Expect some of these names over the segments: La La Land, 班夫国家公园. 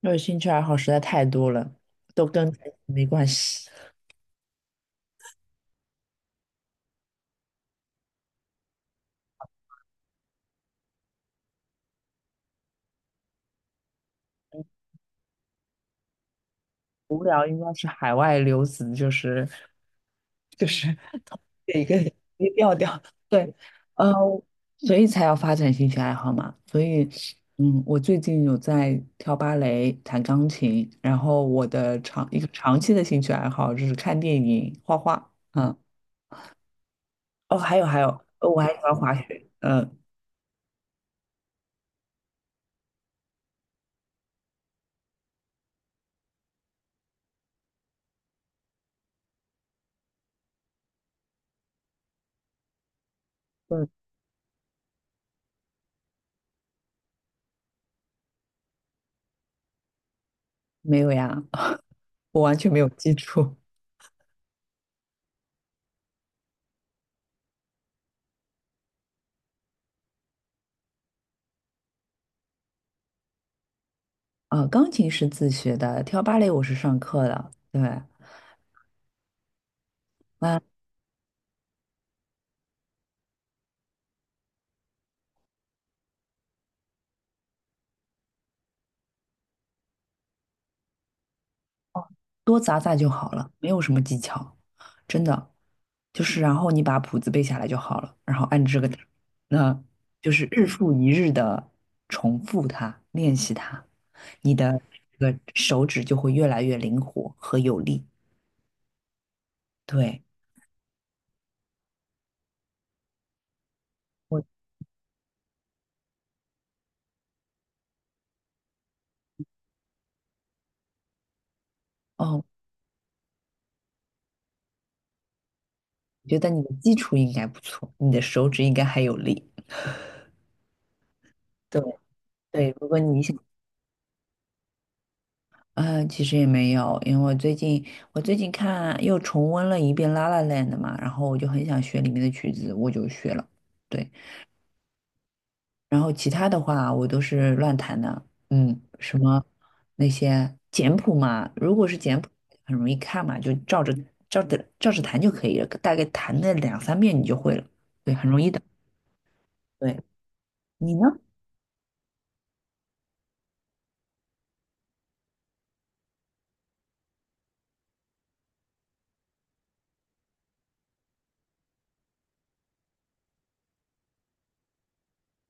因为兴趣爱好实在太多了，都跟感情没关系。无聊应该是海外留子，就是 一个一个调调。对，呃，所以才要发展兴趣爱好嘛。所以，嗯，我最近有在跳芭蕾、弹钢琴，然后我的长一个长期的兴趣爱好就是看电影、画画。嗯，哦，还有，我还喜欢滑雪。嗯嗯，没有呀，我完全没有记住。啊，钢琴是自学的，跳芭蕾我是上课的，对，那多砸砸就好了，没有什么技巧，真的，就是然后你把谱子背下来就好了，然后按这个打那就是日复一日的重复它，练习它，你的这个手指就会越来越灵活和有力。对，我哦，我觉得你的基础应该不错，你的手指应该还有力。对对，如果你想。嗯，其实也没有，因为我最近看又重温了一遍《La La Land》嘛，然后我就很想学里面的曲子，我就学了。对，然后其他的话我都是乱弹的，嗯，什么那些简谱嘛，如果是简谱很容易看嘛，就照着照着弹就可以了，大概弹个两三遍你就会了。对，很容易。对，你呢？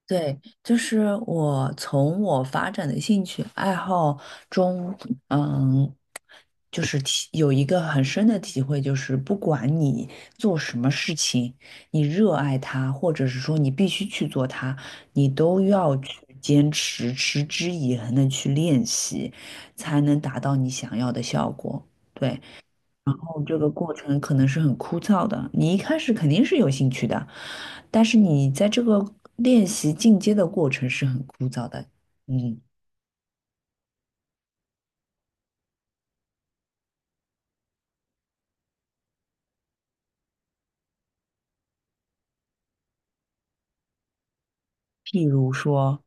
对，就是我从我发展的兴趣爱好中，嗯，就是有一个很深的体会，就是不管你做什么事情，你热爱它，或者是说你必须去做它，你都要去坚持、持之以恒的去练习，才能达到你想要的效果。对。这个过程可能是很枯燥的，你一开始肯定是有兴趣的，但是你在这个练习进阶的过程是很枯燥的。嗯，譬如说，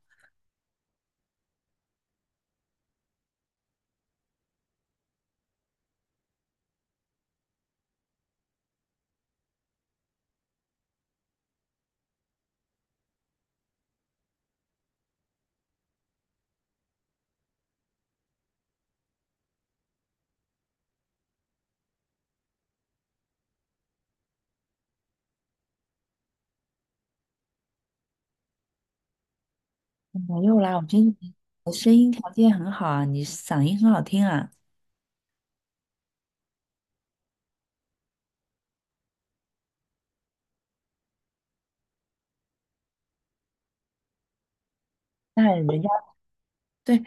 没有啦，我觉得你的声音条件很好啊，你嗓音很好听啊。那人家对，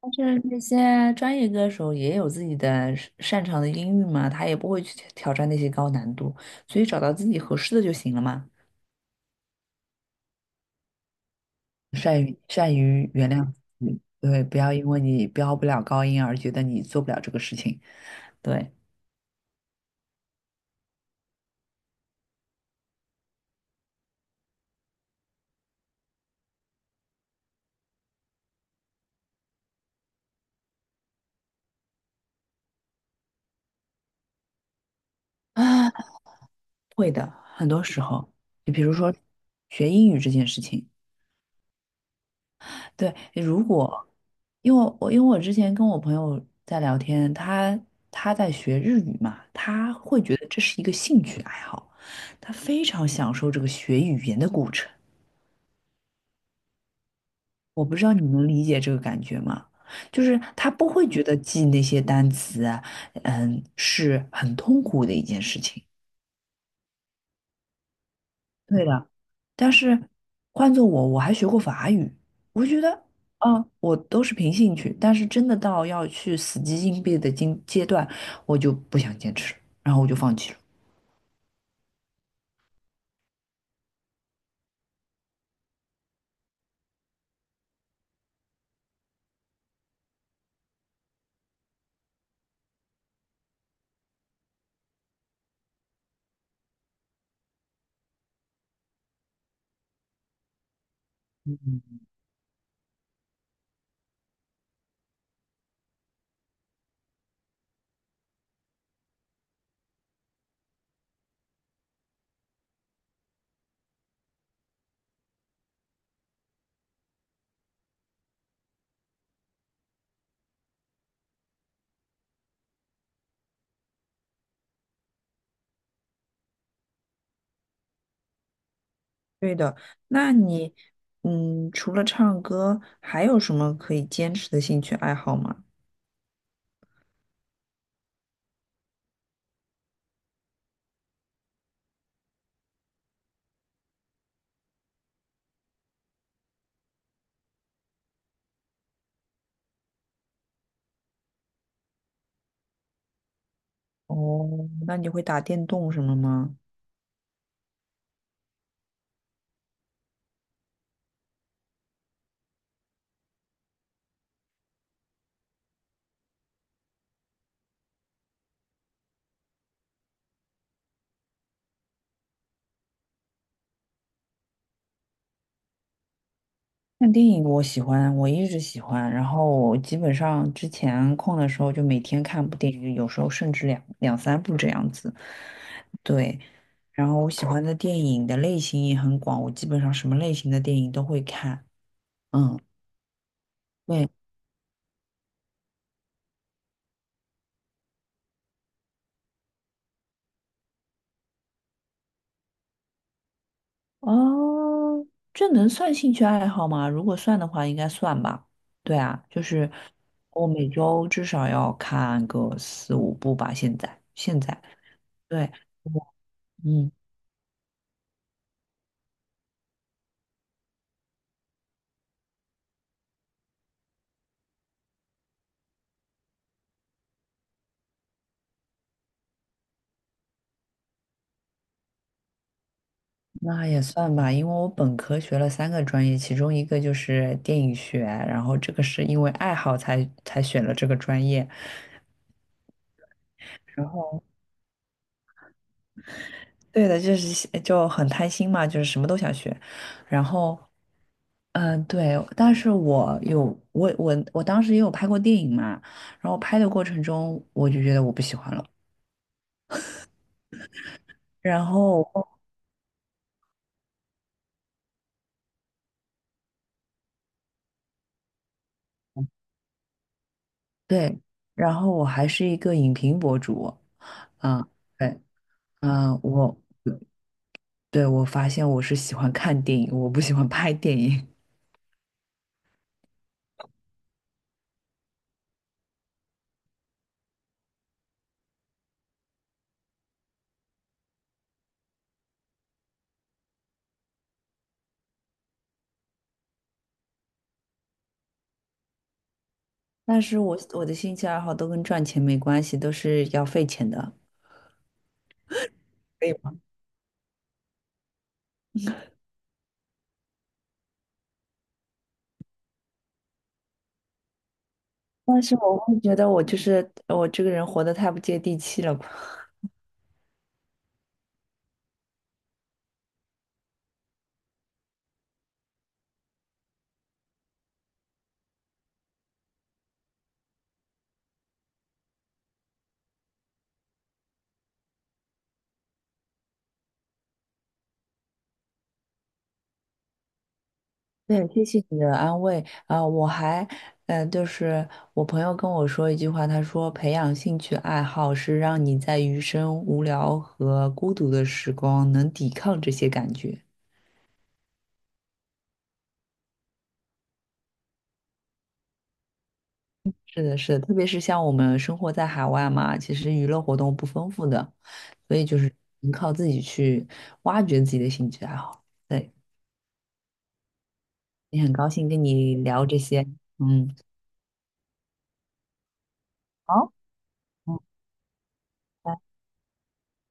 但是那些专业歌手也有自己的擅擅长的音域嘛，他也不会去挑挑战那些高难度，所以找到自己合适的就行了嘛。善于原谅自己，对，不要因为你飙不了高音而觉得你做不了这个事情，对啊，会的，很多时候，你比如说学英语这件事情，对，如果因为我之前跟我朋友在聊天，他在学日语嘛，他会觉得这是一个兴趣爱好，他非常享受这个学语言的过程。我不知道你能理解这个感觉吗？就是他不会觉得记那些单词啊，嗯，是很痛苦的一件事情。对的，但是换做我，我还学过法语，我觉得啊，我都是凭兴趣，但是真的到要去死记硬背的阶段，我就不想坚持了，然后我就放弃了。对的，那你，嗯，除了唱歌，还有什么可以坚持的兴趣爱好吗？哦，那你会打电动什么吗？看电影我喜欢，我一直喜欢。然后我基本上之前空的时候就每天看部电影，有时候甚至两三部这样子。对，然后我喜欢的电影的类型也很广，我基本上什么类型的电影都会看。嗯，对，哦，这能算兴趣爱好吗？如果算的话，应该算吧。对啊，就是我每周至少要看个四五部吧。现在，现在，对，我嗯。那也算吧，因为我本科学了三个专业，其中一个就是电影学，然后这个是因为爱好才选了这个专业。然后，对的，就是就很贪心嘛，就是什么都想学。然后，嗯，对，但是我当时也有拍过电影嘛，然后拍的过程中我就觉得我不喜欢了。然后，对，然后我还是一个影评博主，嗯，对，嗯，我。对，我发现我是喜欢看电影，我不喜欢拍电影，但是我的兴趣爱好都跟赚钱没关系，都是要费钱的。可以吗？但是我会觉得我就是我这个人活得太不接地气了吧。对，谢谢你的安慰啊，我还，就是我朋友跟我说一句话，他说培养兴趣爱好是让你在余生无聊和孤独的时光能抵抗这些感觉。是的，是的，特别是像我们生活在海外嘛，其实娱乐活动不丰富的，所以就是能靠自己去挖掘自己的兴趣爱好。对，也很高兴跟你聊这些，嗯，好，嗯，拜拜。